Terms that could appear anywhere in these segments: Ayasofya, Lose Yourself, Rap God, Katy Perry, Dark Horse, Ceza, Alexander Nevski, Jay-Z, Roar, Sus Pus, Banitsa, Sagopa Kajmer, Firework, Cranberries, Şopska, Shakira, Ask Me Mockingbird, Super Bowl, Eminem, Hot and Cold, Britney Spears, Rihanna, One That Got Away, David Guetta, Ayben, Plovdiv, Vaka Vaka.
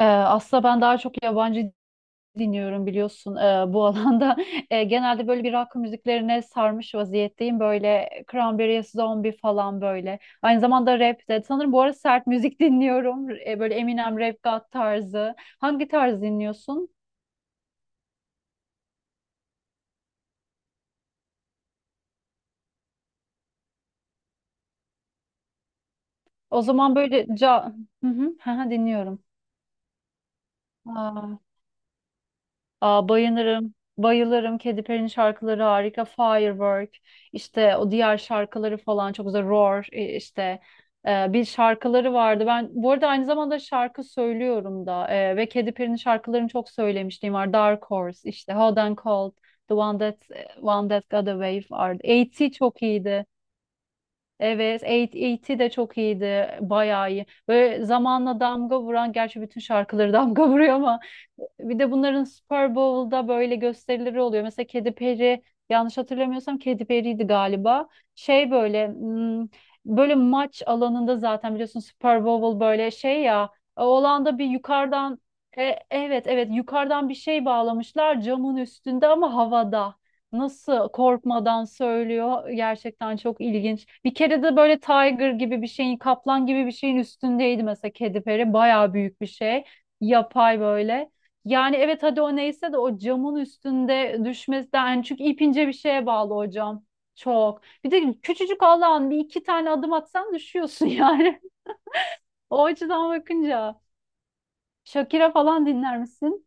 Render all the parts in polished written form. Aslında ben daha çok yabancı dinliyorum biliyorsun bu alanda. Genelde böyle bir rock müziklerine sarmış vaziyetteyim. Böyle Cranberries, Zombie falan böyle. Aynı zamanda rap de. Sanırım bu ara sert müzik dinliyorum. Böyle Eminem, Rap God tarzı. Hangi tarz dinliyorsun? O zaman böyle. Hı hı, hı hı, dinliyorum. Aa. Aa, bayılırım. Bayılırım. Katy Perry'nin şarkıları harika. Firework. İşte o diğer şarkıları falan çok güzel. Roar, işte bir şarkıları vardı. Ben bu arada aynı zamanda şarkı söylüyorum da ve Katy Perry'nin şarkılarını çok söylemişliğim var. Dark Horse işte Hot and Cold, The One That e, One That Got Away vardı. A.T. çok iyiydi. Evet, 8 de çok iyiydi. Bayağı iyi. Böyle zamanla damga vuran, gerçi bütün şarkıları damga vuruyor ama bir de bunların Super Bowl'da böyle gösterileri oluyor. Mesela Kedi Peri, yanlış hatırlamıyorsam Kedi Perry'ydi galiba. Şey böyle böyle maç alanında zaten biliyorsun Super Bowl böyle şey ya o alanda bir yukarıdan evet evet yukarıdan bir şey bağlamışlar camın üstünde ama havada. Nasıl korkmadan söylüyor. Gerçekten çok ilginç. Bir kere de böyle tiger gibi bir şeyin, kaplan gibi bir şeyin üstündeydi mesela kedi peri. Bayağı büyük bir şey. Yapay böyle. Yani evet hadi o neyse de o camın üstünde düşmesi de yani çünkü ipince bir şeye bağlı o cam. Çok. Bir de küçücük Allah'ın bir iki tane adım atsan düşüyorsun yani. O açıdan bakınca. Shakira falan dinler misin?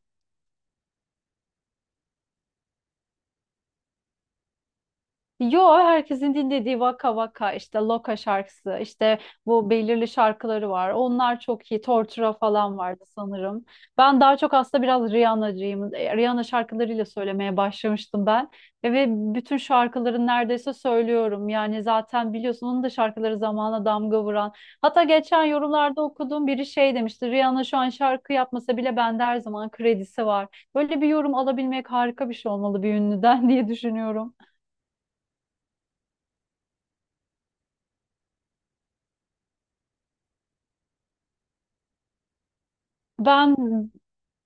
Yo herkesin dinlediği Vaka Vaka işte Loka şarkısı işte bu belirli şarkıları var. Onlar çok iyi. Tortura falan vardı sanırım. Ben daha çok aslında biraz Rihanna'cıyım. Rihanna şarkılarıyla söylemeye başlamıştım ben. Ve bütün şarkıların neredeyse söylüyorum. Yani zaten biliyorsun onun da şarkıları zamana damga vuran. Hatta geçen yorumlarda okuduğum biri şey demişti. Rihanna şu an şarkı yapmasa bile bende her zaman kredisi var. Böyle bir yorum alabilmek harika bir şey olmalı bir ünlüden diye düşünüyorum. Ben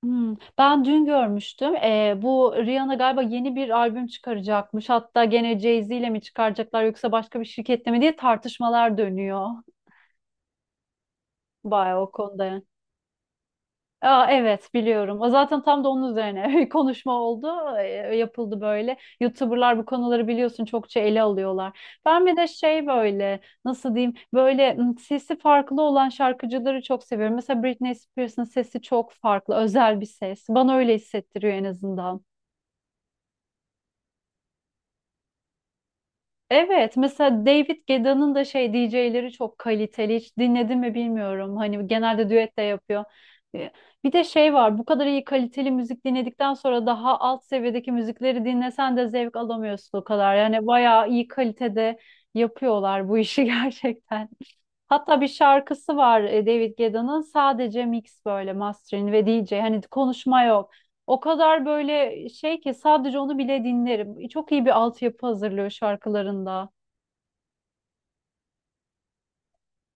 ben dün görmüştüm. Bu Rihanna galiba yeni bir albüm çıkaracakmış. Hatta gene Jay-Z ile mi çıkaracaklar yoksa başka bir şirketle mi diye tartışmalar dönüyor. Bayağı o konuda, yani. Aa, evet biliyorum. O zaten tam da onun üzerine bir konuşma oldu, e, yapıldı böyle. YouTuber'lar bu konuları biliyorsun çokça ele alıyorlar. Ben bir de şey böyle nasıl diyeyim böyle sesi farklı olan şarkıcıları çok seviyorum. Mesela Britney Spears'ın sesi çok farklı, özel bir ses. Bana öyle hissettiriyor en azından. Evet, mesela David Guetta'nın da şey DJ'leri çok kaliteli. Hiç dinledin mi bilmiyorum. Hani genelde düet de yapıyor. Ee, Bir de şey var. Bu kadar iyi kaliteli müzik dinledikten sonra daha alt seviyedeki müzikleri dinlesen de zevk alamıyorsun o kadar. Yani bayağı iyi kalitede yapıyorlar bu işi gerçekten. Hatta bir şarkısı var David Guetta'nın sadece mix böyle mastering ve DJ. Hani konuşma yok. O kadar böyle şey ki sadece onu bile dinlerim. Çok iyi bir altyapı hazırlıyor şarkılarında.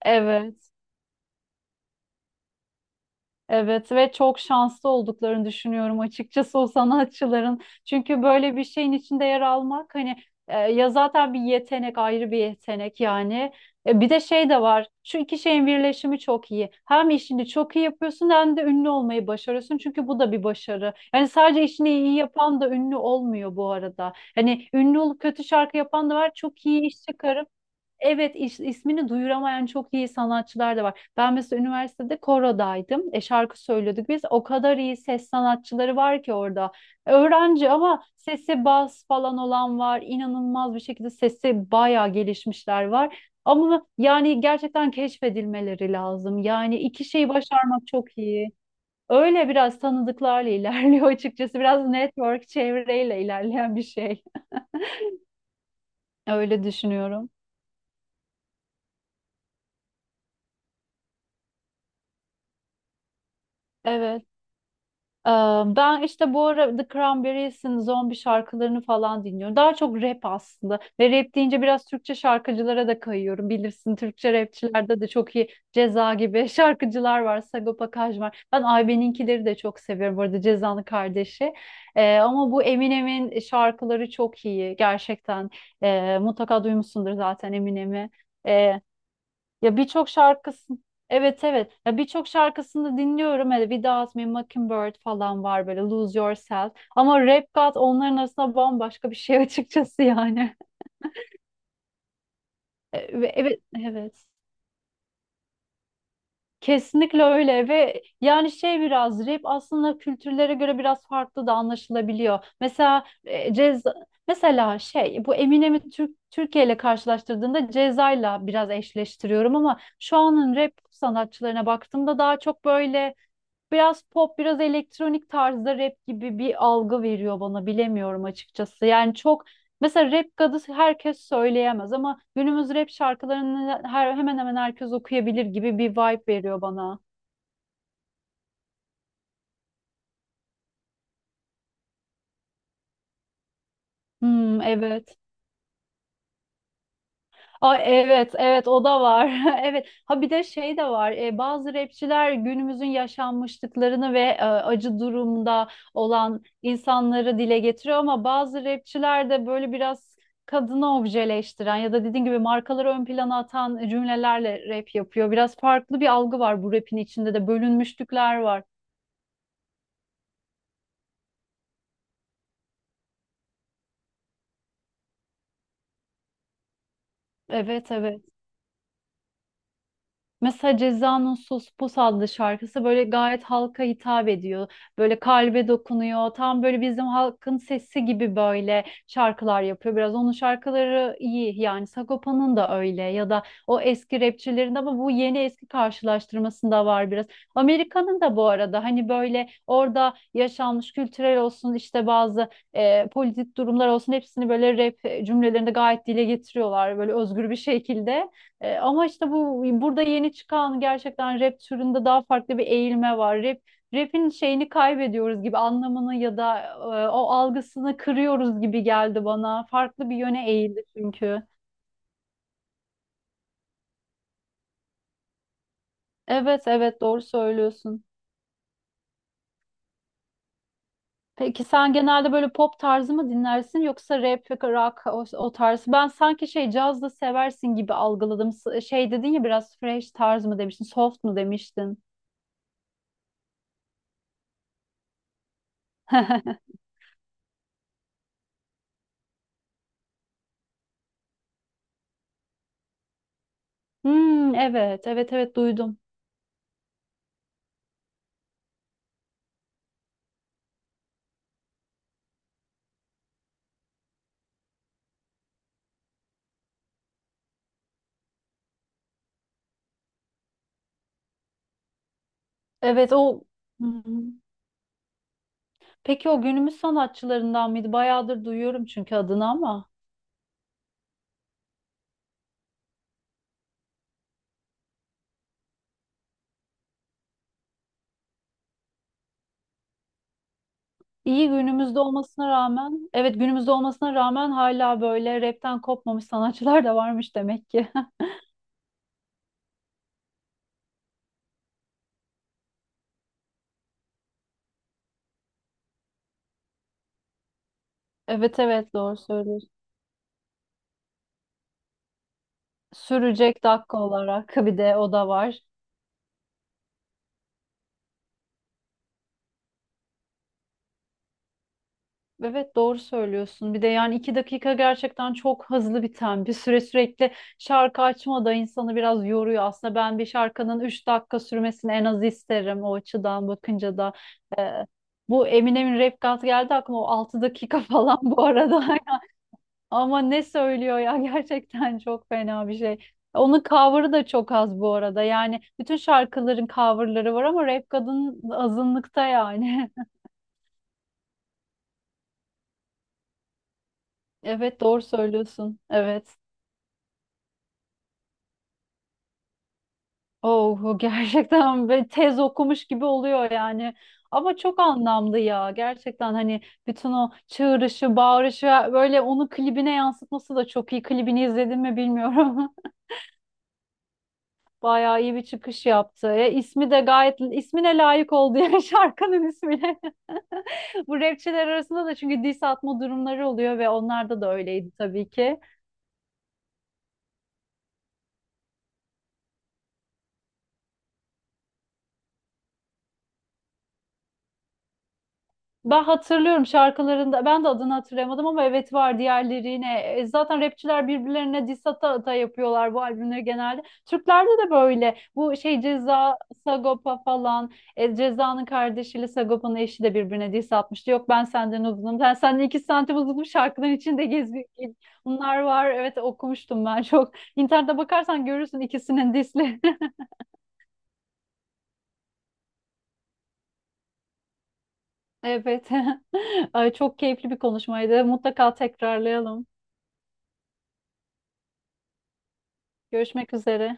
Evet, evet ve çok şanslı olduklarını düşünüyorum açıkçası o sanatçıların. Çünkü böyle bir şeyin içinde yer almak hani ya zaten bir yetenek ayrı bir yetenek yani. Bir de şey de var. Şu iki şeyin birleşimi çok iyi. Hem işini çok iyi yapıyorsun hem de ünlü olmayı başarıyorsun. Çünkü bu da bir başarı. Yani sadece işini iyi yapan da ünlü olmuyor bu arada. Hani ünlü olup kötü şarkı yapan da var. Çok iyi iş çıkarıp, evet, ismini duyuramayan çok iyi sanatçılar da var. Ben mesela üniversitede korodaydım. Şarkı söylüyorduk biz. O kadar iyi ses sanatçıları var ki orada. Öğrenci ama sesi bas falan olan var. İnanılmaz bir şekilde sesi bayağı gelişmişler var. Ama yani gerçekten keşfedilmeleri lazım. Yani iki şeyi başarmak çok iyi. Öyle biraz tanıdıklarla ilerliyor açıkçası. Biraz network çevreyle ilerleyen bir şey. Öyle düşünüyorum. Evet. Ee, Ben işte bu ara The Cranberries'in zombi şarkılarını falan dinliyorum. Daha çok rap aslında. Ve rap deyince biraz Türkçe şarkıcılara da kayıyorum. Bilirsin Türkçe rapçilerde de çok iyi Ceza gibi şarkıcılar var. Sagopa Kajmer var. Ben Ayben'inkileri de çok seviyorum. Bu arada Ceza'nın kardeşi. Ama bu Eminem'in şarkıları çok iyi. Gerçekten. Mutlaka duymuşsundur zaten Eminem'i. Ya birçok şarkısın. Evet evet. Ya birçok şarkısını dinliyorum. Hele bir daha Ask Me Mockingbird falan var böyle Lose Yourself. Ama Rap God onların arasında bambaşka bir şey açıkçası yani. Evet evet. Kesinlikle öyle ve yani şey biraz rap aslında kültürlere göre biraz farklı da anlaşılabiliyor. Mesela ceza mesela şey bu Eminem'i Türkiye ile karşılaştırdığında Ceza'yla biraz eşleştiriyorum ama şu anın rap sanatçılarına baktığımda daha çok böyle biraz pop, biraz elektronik tarzda rap gibi bir algı veriyor bana bilemiyorum açıkçası. Yani çok mesela rap kadı herkes söyleyemez ama günümüz rap şarkılarını hemen hemen herkes okuyabilir gibi bir vibe veriyor bana. Hmm, evet. Ay evet evet o da var. Evet. Ha bir de şey de var. Bazı rapçiler günümüzün yaşanmışlıklarını ve acı durumda olan insanları dile getiriyor ama bazı rapçiler de böyle biraz kadını objeleştiren ya da dediğin gibi markaları ön plana atan cümlelerle rap yapıyor. Biraz farklı bir algı var bu rapin içinde de bölünmüşlükler var. Evet evet. Mesela Ceza'nın Sus Pus adlı şarkısı böyle gayet halka hitap ediyor. Böyle kalbe dokunuyor. Tam böyle bizim halkın sesi gibi böyle şarkılar yapıyor. Biraz onun şarkıları iyi. Yani Sagopa'nın da öyle ya da o eski rapçilerin de ama bu yeni eski karşılaştırmasında var biraz. Amerika'nın da bu arada hani böyle orada yaşanmış kültürel olsun işte bazı politik durumlar olsun hepsini böyle rap cümlelerinde gayet dile getiriyorlar böyle özgür bir şekilde. Ama işte bu burada yeni çıkan gerçekten rap türünde daha farklı bir eğilme var. Rap'in şeyini kaybediyoruz gibi anlamını ya da o algısını kırıyoruz gibi geldi bana. Farklı bir yöne eğildi çünkü. Evet evet doğru söylüyorsun. Peki sen genelde böyle pop tarzı mı dinlersin yoksa rap, rock o tarz? Ben sanki şey caz da seversin gibi algıladım. Şey dedin ya biraz fresh tarz mı demiştin, soft mu demiştin? Hmm, evet evet evet duydum. Evet o. Hı hı. Peki o günümüz sanatçılarından mıydı? Bayağıdır duyuyorum çünkü adını ama. İyi günümüzde olmasına rağmen, evet günümüzde olmasına rağmen hala böyle rapten kopmamış sanatçılar da varmış demek ki. Evet evet doğru söylüyorsun. Sürecek dakika olarak bir de o da var. Evet doğru söylüyorsun. Bir de yani 2 dakika gerçekten çok hızlı biten bir süre sürekli şarkı açma da insanı biraz yoruyor. Aslında ben bir şarkının 3 dakika sürmesini en az isterim o açıdan bakınca da. Ee, bu Eminem'in rap God geldi aklıma o 6 dakika falan bu arada. Ama ne söylüyor ya gerçekten çok fena bir şey. Onun cover'ı da çok az bu arada. Yani bütün şarkıların cover'ları var ama Rap God'un azınlıkta yani. Evet doğru söylüyorsun. Evet. Oh gerçekten böyle tez okumuş gibi oluyor yani. Ama çok anlamlı ya. Gerçekten hani bütün o çığırışı, bağırışı böyle onu klibine yansıtması da çok iyi. Klibini izledin mi bilmiyorum. Bayağı iyi bir çıkış yaptı. E, ismi de gayet ismine layık oldu yani şarkının ismine. Bu rapçiler arasında da çünkü diss atma durumları oluyor ve onlarda da öyleydi tabii ki. Ben hatırlıyorum şarkılarında ben de adını hatırlayamadım ama evet var diğerlerine. Zaten rapçiler birbirlerine diss ata ata yapıyorlar bu albümleri genelde. Türklerde de böyle bu şey Ceza, Sagopa falan Ceza'nın kardeşiyle Sagopa'nın eşi de birbirine diss atmıştı. Yok ben senden uzunum ben senden 2 santim uzunum şarkıların içinde gez bunlar var evet okumuştum ben çok. İnternete bakarsan görürsün ikisinin diss'lerini. Evet. Ay, çok keyifli bir konuşmaydı mutlaka tekrarlayalım. Görüşmek üzere.